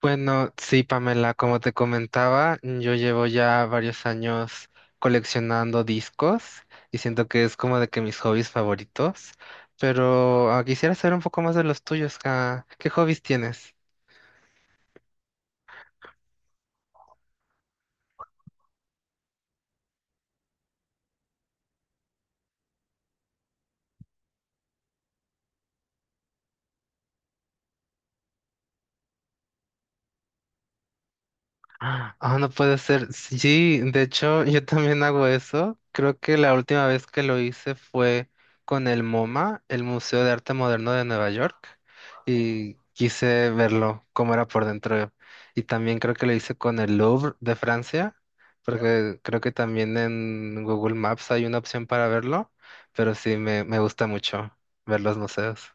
Bueno, sí, Pamela, como te comentaba, yo llevo ya varios años coleccionando discos y siento que es como de que mis hobbies favoritos, pero quisiera saber un poco más de los tuyos. ¿Qué hobbies tienes? Ah, no puede ser. Sí, de hecho, yo también hago eso. Creo que la última vez que lo hice fue con el MoMA, el Museo de Arte Moderno de Nueva York, y quise verlo, cómo era por dentro. Y también creo que lo hice con el Louvre de Francia, porque creo que también en Google Maps hay una opción para verlo, pero sí, me gusta mucho ver los museos.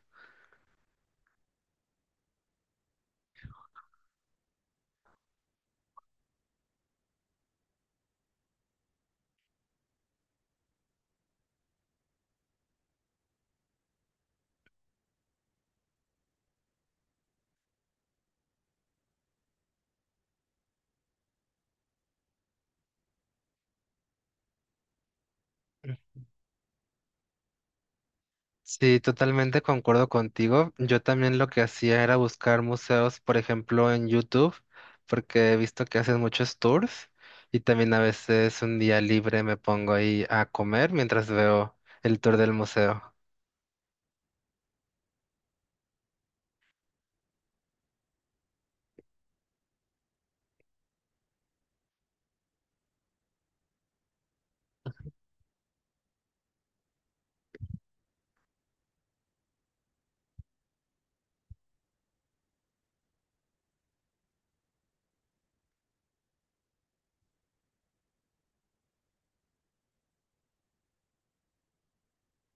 Sí, totalmente concuerdo contigo. Yo también lo que hacía era buscar museos, por ejemplo, en YouTube, porque he visto que hacen muchos tours y también a veces un día libre me pongo ahí a comer mientras veo el tour del museo.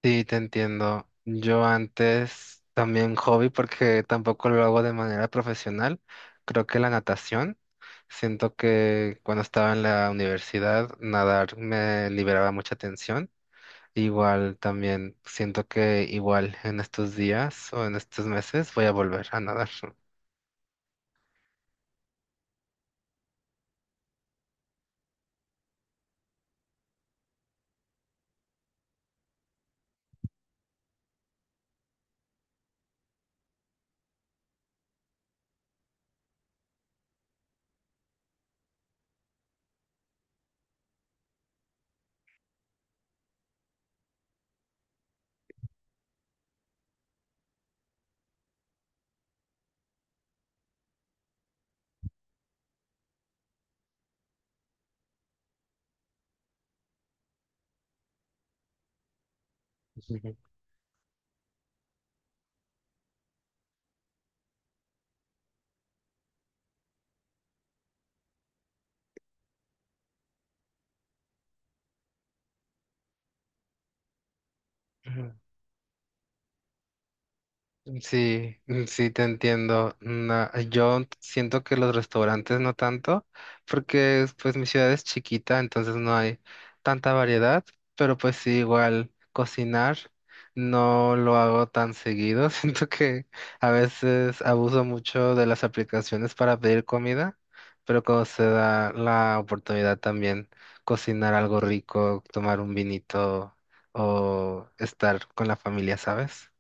Sí, te entiendo. Yo antes también hobby, porque tampoco lo hago de manera profesional, creo que la natación. Siento que cuando estaba en la universidad, nadar me liberaba mucha tensión. Igual también siento que igual en estos días o en estos meses voy a volver a nadar. Ujú. Sí, sí te entiendo. No, yo siento que los restaurantes no tanto, porque pues mi ciudad es chiquita, entonces no hay tanta variedad, pero pues sí, igual cocinar no lo hago tan seguido. Siento que a veces abuso mucho de las aplicaciones para pedir comida, pero cuando se da la oportunidad también cocinar algo rico, tomar un vinito o estar con la familia, ¿sabes?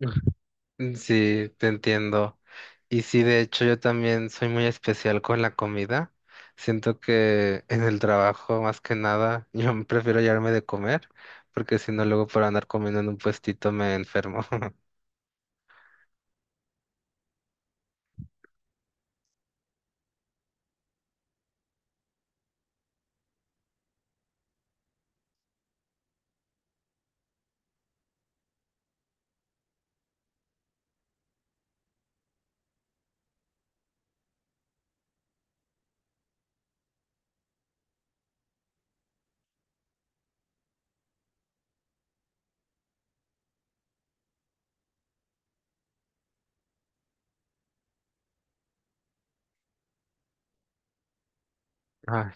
Sí, te entiendo. Y sí, de hecho, yo también soy muy especial con la comida. Siento que en el trabajo, más que nada, yo prefiero llevarme de comer, porque si no, luego por andar comiendo en un puestito me enfermo. Ay,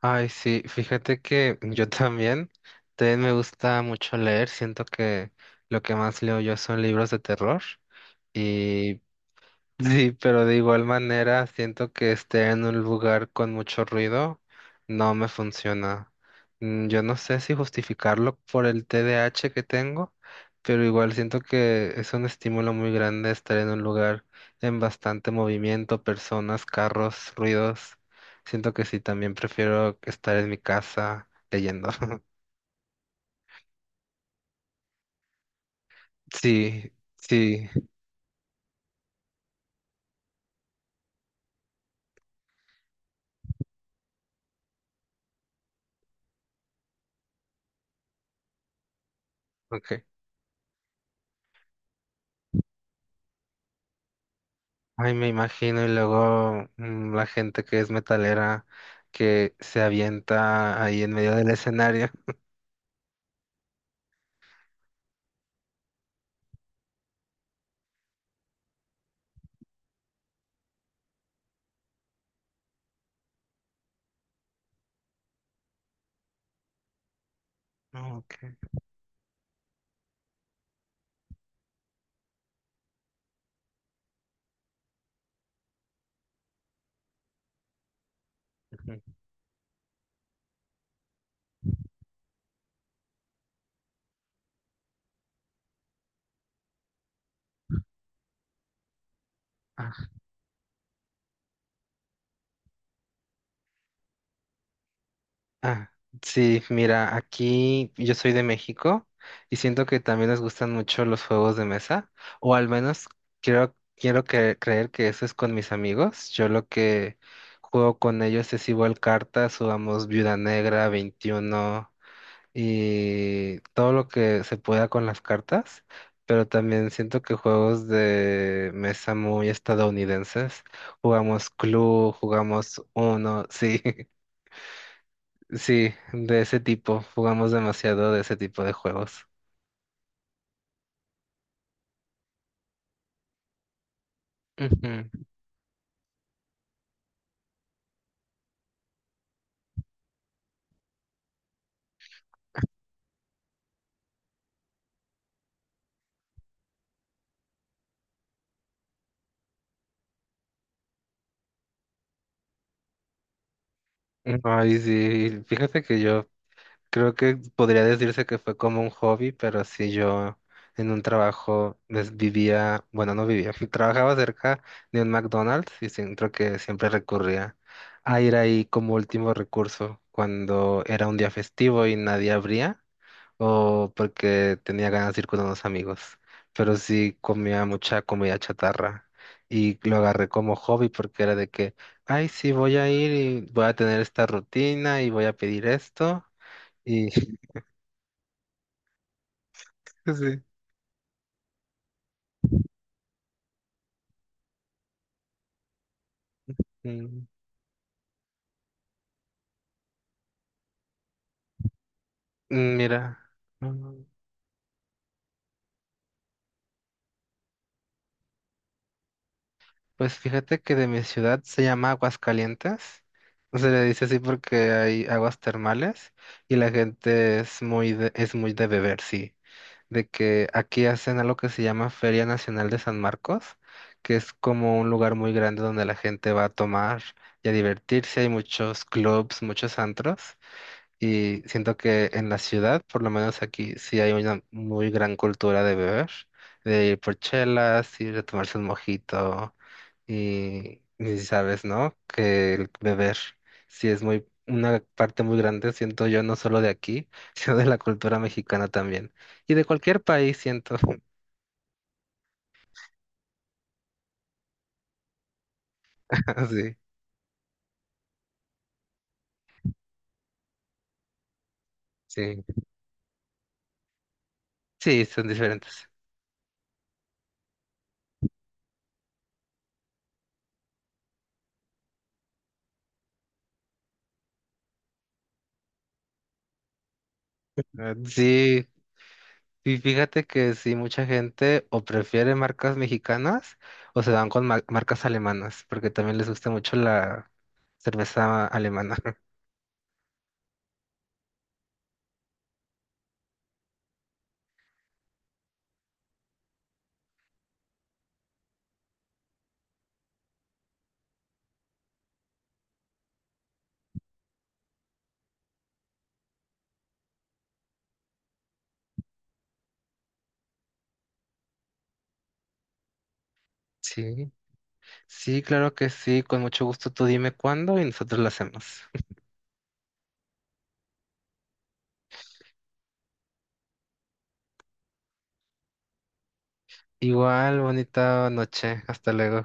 ay, sí, fíjate que yo también, también me gusta mucho leer. Siento que lo que más leo yo son libros de terror. y Sí, pero de igual manera siento que esté en un lugar con mucho ruido no me funciona. Yo no sé si justificarlo por el TDAH que tengo, pero igual siento que es un estímulo muy grande estar en un lugar en bastante movimiento, personas, carros, ruidos. Siento que sí, también prefiero estar en mi casa leyendo. Sí, sí, ok. Ay, me imagino, y luego la gente que es metalera que se avienta ahí en medio del escenario. Oh, ok. Ujú. Ah, ah, sí, mira, aquí yo soy de México y siento que también les gustan mucho los juegos de mesa, o al menos creer que eso es con mis amigos. Yo lo que juego con ellos es igual cartas, jugamos Viuda Negra, 21. Y todo lo que se pueda con las cartas, pero también siento que juegos de mesa muy estadounidenses, jugamos Clue, jugamos Uno, sí, sí, de ese tipo, jugamos demasiado de ese tipo de juegos. Ujú. Ay, sí, fíjate que yo creo que podría decirse que fue como un hobby, pero sí yo en un trabajo pues, vivía, bueno, no vivía, trabajaba cerca de un McDonald's y siento que siempre recurría a ir ahí como último recurso cuando era un día festivo y nadie abría o porque tenía ganas de ir con unos amigos. Pero sí comía mucha comida chatarra y lo agarré como hobby porque era de que, ay, sí, voy a ir y voy a tener esta rutina y voy a pedir esto. Y sí. Mm, Mira, mm, pues fíjate que de mi ciudad se llama Aguascalientes. No se le dice así porque hay aguas termales y la gente es muy de beber, sí. De que aquí hacen algo que se llama Feria Nacional de San Marcos, que es como un lugar muy grande donde la gente va a tomar y a divertirse. Hay muchos clubs, muchos antros. Y siento que en la ciudad, por lo menos aquí, sí hay una muy gran cultura de beber, de ir por chelas, ir a tomarse un mojito y si sabes, ¿no? Que el beber sí es muy una parte muy grande, siento yo, no solo de aquí, sino de la cultura mexicana también. Y de cualquier país, siento. Sí, sí, sí, son diferentes. Sí. Y fíjate que sí, mucha gente o prefiere marcas mexicanas o se van con marcas alemanas, porque también les gusta mucho la cerveza alemana. Sí, sí, claro que sí, con mucho gusto. Tú dime cuándo y nosotros lo hacemos. Igual, bonita noche. Hasta luego.